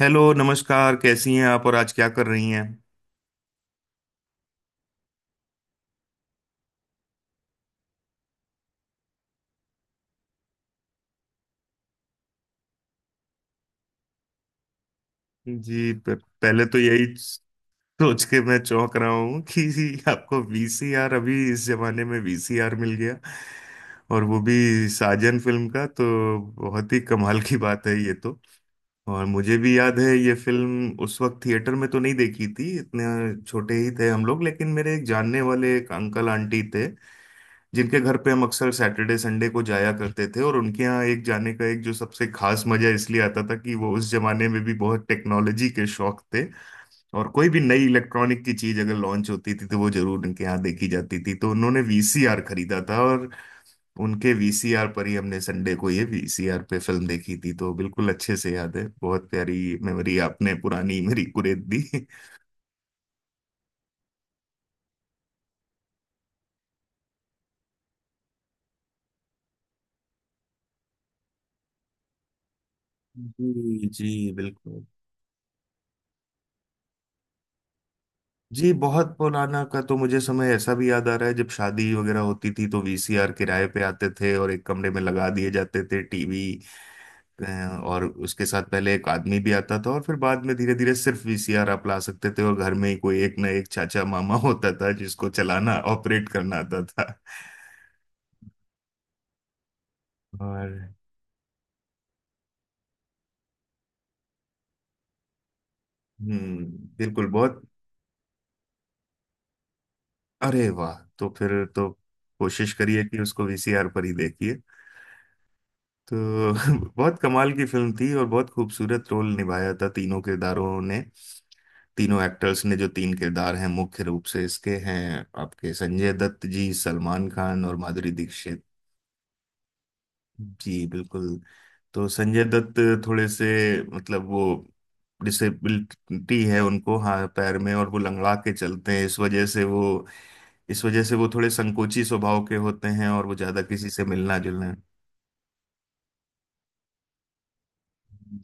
Hello, नमस्कार। कैसी हैं आप और आज क्या कर रही हैं? जी प- पहले तो यही सोच के मैं चौंक रहा हूँ कि आपको वीसीआर, अभी इस जमाने में वीसीआर मिल गया। और वो भी साजन फिल्म का, तो बहुत ही कमाल की बात है ये तो। और मुझे भी याद है ये फिल्म। उस वक्त थिएटर में तो नहीं देखी थी, इतने छोटे ही थे हम लोग, लेकिन मेरे एक जानने वाले एक अंकल आंटी थे जिनके घर पे हम अक्सर सैटरडे संडे को जाया करते थे। और उनके यहाँ एक जाने का एक जो सबसे खास मजा इसलिए आता था कि वो उस जमाने में भी बहुत टेक्नोलॉजी के शौक थे। और कोई भी नई इलेक्ट्रॉनिक की चीज अगर लॉन्च होती थी तो वो जरूर उनके यहाँ देखी जाती थी। तो उन्होंने वीसीआर खरीदा था और उनके वीसीआर पर ही हमने संडे को ये वीसीआर पे फिल्म देखी थी। तो बिल्कुल अच्छे से याद है, बहुत प्यारी मेमोरी आपने पुरानी मेरी कुरेद दी। जी जी, बिल्कुल। जी, बहुत पुराना का तो मुझे समय ऐसा भी याद आ रहा है जब शादी वगैरह होती थी तो वीसीआर किराए पे आते थे, और एक कमरे में लगा दिए जाते थे टीवी। और उसके साथ पहले एक आदमी भी आता था, और फिर बाद में धीरे धीरे सिर्फ वीसीआर आप ला सकते थे, और घर में ही कोई एक ना एक चाचा मामा होता था जिसको चलाना, ऑपरेट करना आता था। और हम्म, बिल्कुल। बहुत अरे वाह, तो फिर तो कोशिश करिए कि उसको वीसीआर पर ही देखिए। तो बहुत कमाल की फिल्म थी और बहुत खूबसूरत रोल निभाया था तीनों किरदारों ने, तीनों एक्टर्स ने। जो तीन किरदार हैं मुख्य रूप से इसके, हैं आपके संजय दत्त जी, सलमान खान और माधुरी दीक्षित। जी बिल्कुल। तो संजय दत्त थोड़े से, मतलब वो डिसेबिलिटी है उनको, हाँ, पैर में, और वो लंगड़ा के चलते हैं। इस वजह से वो, इस वजह से वो थोड़े संकोची स्वभाव के होते हैं, और वो ज्यादा किसी से मिलना जुलना।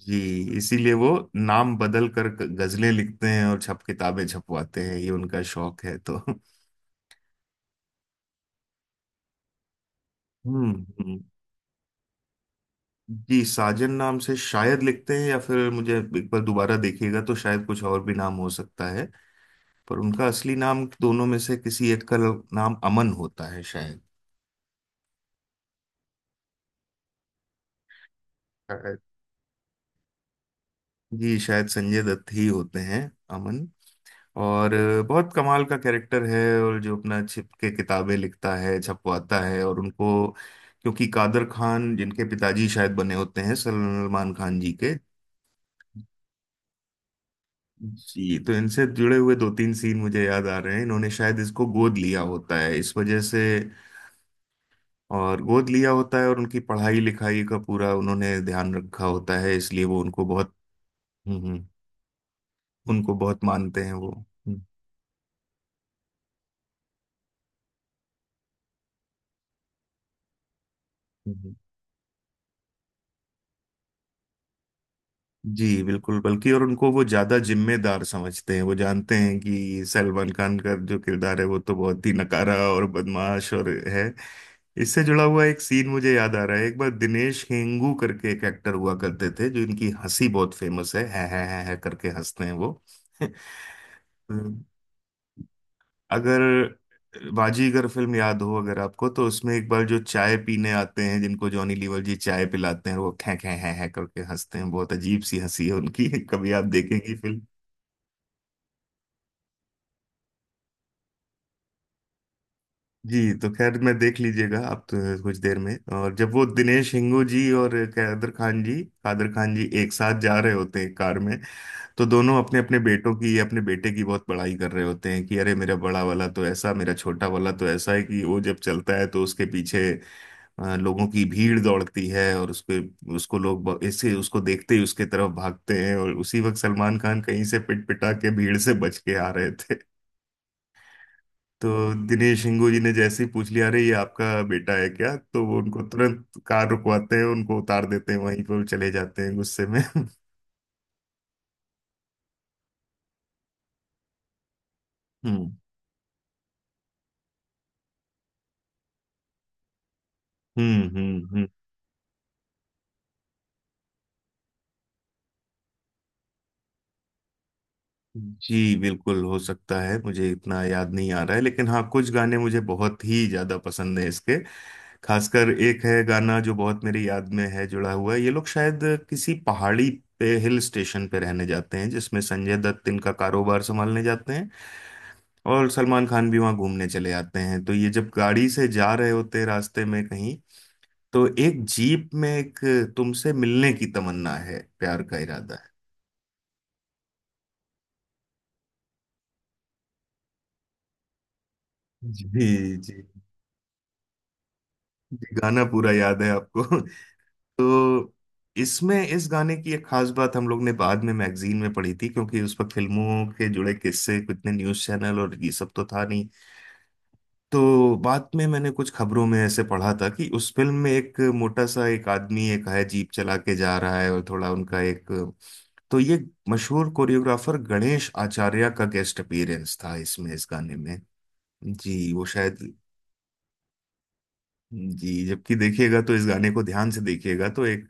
जी, इसीलिए वो नाम बदल कर गजलें लिखते हैं और छप किताबें छपवाते हैं, ये उनका शौक है। तो हम्म हम्म। जी, साजन नाम से शायद लिखते हैं, या फिर मुझे एक बार दोबारा देखिएगा तो शायद कुछ और भी नाम हो सकता है। पर उनका असली नाम दोनों में से किसी एक का नाम अमन होता है शायद। शायद- जी शायद संजय दत्त ही होते हैं, अमन। और बहुत कमाल का कैरेक्टर है। और जो अपना छिप के किताबें लिखता है, छपवाता है, और उनको क्योंकि कादर खान जिनके पिताजी शायद बने होते हैं सलमान खान जी के। जी, तो इनसे जुड़े हुए दो तीन सीन मुझे याद आ रहे हैं। इन्होंने शायद इसको गोद लिया होता है इस वजह से, और गोद लिया होता है और उनकी पढ़ाई लिखाई का पूरा उन्होंने ध्यान रखा होता है, इसलिए वो उनको बहुत, हम्म हम्म, उनको बहुत मानते हैं वो। हम्म, जी बिल्कुल, बल्कि और उनको वो ज्यादा जिम्मेदार समझते हैं। वो जानते हैं कि सलमान खान का जो किरदार है वो तो बहुत ही नकारा और बदमाश और है। इससे जुड़ा हुआ एक सीन मुझे याद आ रहा है। एक बार दिनेश हेंगू करके एक एक्टर हुआ करते थे, जो इनकी हंसी बहुत फेमस है, है करके हंसते हैं वो। अगर बाजीगर फिल्म याद हो अगर आपको, तो उसमें एक बार जो चाय पीने आते हैं जिनको जॉनी लीवर जी चाय पिलाते हैं, वो खे खे हैं करके हंसते हैं, बहुत अजीब सी हंसी है उनकी। कभी आप देखेंगी फिल्म। जी, तो खैर, मैं देख लीजिएगा आप तो कुछ देर में। और जब वो दिनेश हिंगू जी और कादर खान जी, कादर खान जी एक साथ जा रहे होते हैं कार में, तो दोनों अपने अपने बेटों की, अपने बेटे की बहुत बड़ाई कर रहे होते हैं कि अरे मेरा बड़ा वाला तो ऐसा, मेरा छोटा वाला तो ऐसा है कि वो जब चलता है तो उसके पीछे लोगों की भीड़ दौड़ती है, और उसके, उसको लोग ऐसे उसको देखते ही उसके तरफ भागते हैं। और उसी वक्त सलमान खान कहीं से पिट पिटा के भीड़ से बच के आ रहे थे। तो दिनेश हिंगू जी ने जैसे ही पूछ लिया अरे ये आपका बेटा है क्या, तो वो उनको तुरंत कार रुकवाते हैं, उनको उतार देते हैं वहीं पर, वो चले जाते हैं गुस्से में। हम्म हम्म। जी बिल्कुल, हो सकता है, मुझे इतना याद नहीं आ रहा है, लेकिन हाँ कुछ गाने मुझे बहुत ही ज्यादा पसंद है इसके। खासकर एक है गाना जो बहुत मेरी याद में है, जुड़ा हुआ है। ये लोग शायद किसी पहाड़ी पे, हिल स्टेशन पे रहने जाते हैं, जिसमें संजय दत्त इनका कारोबार संभालने जाते हैं और सलमान खान भी वहाँ घूमने चले जाते हैं। तो ये जब गाड़ी से जा रहे होते हैं रास्ते में कहीं, तो एक जीप में एक, तुमसे मिलने की तमन्ना है, प्यार का इरादा है। जी जी। जी, गाना पूरा याद है आपको? तो इसमें इस गाने की एक खास बात हम लोग ने बाद में मैगजीन में पढ़ी थी, क्योंकि उस पर फिल्मों के जुड़े किस्से, कितने न्यूज़ चैनल और ये सब तो था नहीं। तो बाद में मैंने कुछ खबरों में ऐसे पढ़ा था कि उस फिल्म में एक मोटा सा एक आदमी एक है जीप चला के जा रहा है, और थोड़ा उनका एक, तो ये मशहूर कोरियोग्राफर गणेश आचार्य का गेस्ट अपीयरेंस था इसमें, इस गाने में। जी वो शायद, जी जबकि देखिएगा तो इस गाने को ध्यान से देखिएगा तो एक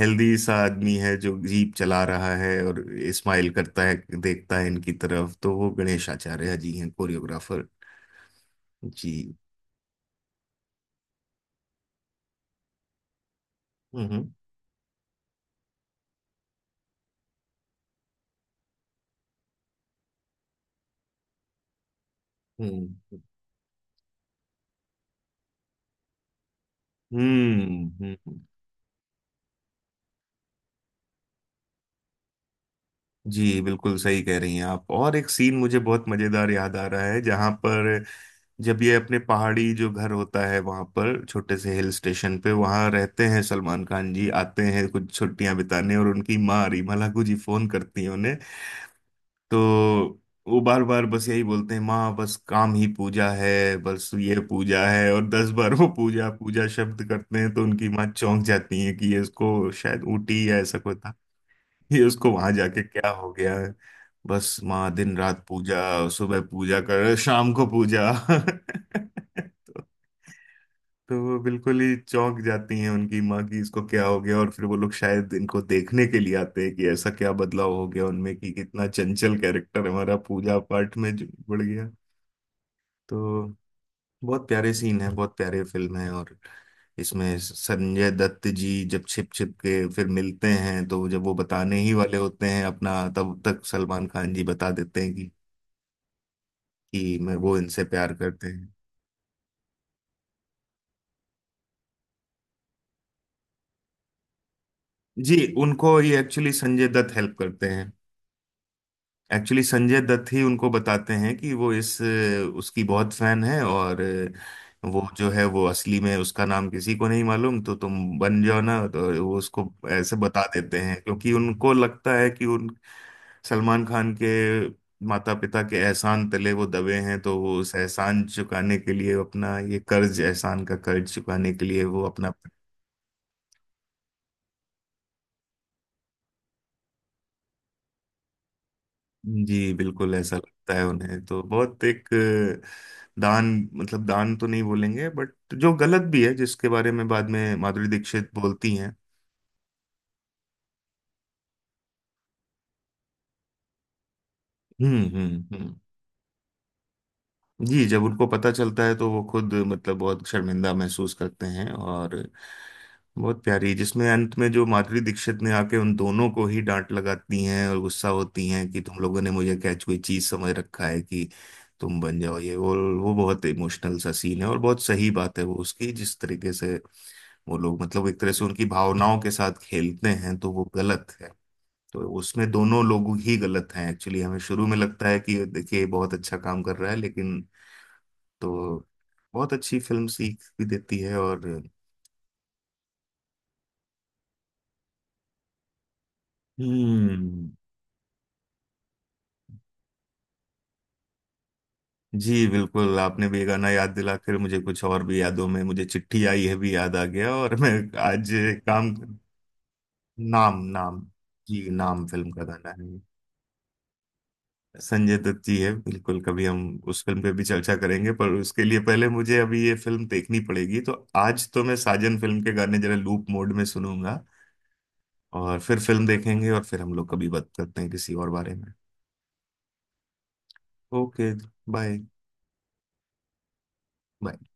हेल्दी सा आदमी है जो जीप चला रहा है, और स्माइल करता है, देखता है इनकी तरफ, तो वो गणेश आचार्य जी हैं, कोरियोग्राफर। जी। हम्म हम्म हम्म हम्म, हम्म, जी बिल्कुल सही कह रही हैं आप। और एक सीन मुझे बहुत मजेदार याद आ रहा है जहां पर, जब ये अपने पहाड़ी जो घर होता है वहां पर, छोटे से हिल स्टेशन पे वहां रहते हैं, सलमान खान जी आते हैं कुछ छुट्टियां बिताने, और उनकी माँ रीमा लागू जी फोन करती हैं उन्हें। तो वो बार बार बस यही बोलते हैं, माँ बस काम ही पूजा है, बस ये पूजा है, और 10 बार वो पूजा पूजा शब्द करते हैं। तो उनकी माँ चौंक जाती है कि ये इसको शायद ऊटी या ऐसा कुछ, ये उसको वहां जाके क्या हो गया है, बस माँ दिन रात पूजा, सुबह पूजा कर, शाम को पूजा। तो वो बिल्कुल ही चौंक जाती हैं उनकी माँ की इसको क्या हो गया, और फिर वो लोग शायद इनको देखने के लिए आते हैं कि ऐसा क्या बदलाव हो गया उनमें कि कितना चंचल कैरेक्टर हमारा पूजा पाठ में जो बढ़ गया। तो बहुत प्यारे सीन है, बहुत प्यारे फिल्म है। और इसमें संजय दत्त जी जब छिप छिप के फिर मिलते हैं, तो जब वो बताने ही वाले होते हैं अपना, तब तक सलमान खान जी बता देते हैं कि मैं, वो इनसे प्यार करते हैं। जी, उनको ये एक्चुअली संजय दत्त हेल्प करते हैं। एक्चुअली संजय दत्त ही उनको बताते हैं कि वो इस, उसकी बहुत फैन है, और वो जो है वो असली में उसका नाम किसी को नहीं मालूम तो तुम बन जाओ ना। तो वो उसको ऐसे बता देते हैं, क्योंकि उनको लगता है कि उन सलमान खान के माता पिता के एहसान तले वो दबे हैं, तो वो उस एहसान चुकाने के लिए अपना ये कर्ज, एहसान का कर्ज चुकाने के लिए वो अपना। जी बिल्कुल, ऐसा लगता है उन्हें। तो बहुत एक दान, मतलब दान तो नहीं बोलेंगे, बट जो गलत भी है, जिसके बारे में बाद में माधुरी दीक्षित बोलती हैं। हम्म हम्म हम्म जी, जब उनको पता चलता है तो वो खुद मतलब बहुत शर्मिंदा महसूस करते हैं। और बहुत प्यारी जिसमें अंत में जो माधुरी दीक्षित ने आके उन दोनों को ही डांट लगाती हैं और गुस्सा होती हैं कि तुम लोगों ने मुझे क्या कोई चीज समझ रखा है कि तुम बन जाओ ये वो। वो बहुत इमोशनल सा सीन है, और बहुत सही बात है वो उसकी, जिस तरीके से वो लोग मतलब एक तरह से उनकी भावनाओं के साथ खेलते हैं तो वो गलत है। तो उसमें दोनों लोग ही गलत हैं एक्चुअली। हमें शुरू में लगता है कि देखिए ये बहुत अच्छा काम कर रहा है, लेकिन, तो बहुत अच्छी फिल्म सीख भी देती है। और हम्म, जी बिल्कुल, आपने भी ये गाना याद दिला कर मुझे कुछ और भी यादों में मुझे चिट्ठी आई है भी याद आ गया। और मैं आज काम, नाम, नाम। जी, नाम फिल्म का गाना है। संजय दत्त जी है बिल्कुल। कभी हम उस फिल्म पे भी चर्चा करेंगे, पर उसके लिए पहले मुझे अभी ये फिल्म देखनी पड़ेगी। तो आज तो मैं साजन फिल्म के गाने जरा लूप मोड में सुनूंगा, और फिर फिल्म देखेंगे, और फिर हम लोग कभी बात करते हैं किसी और बारे में। Okay, bye. my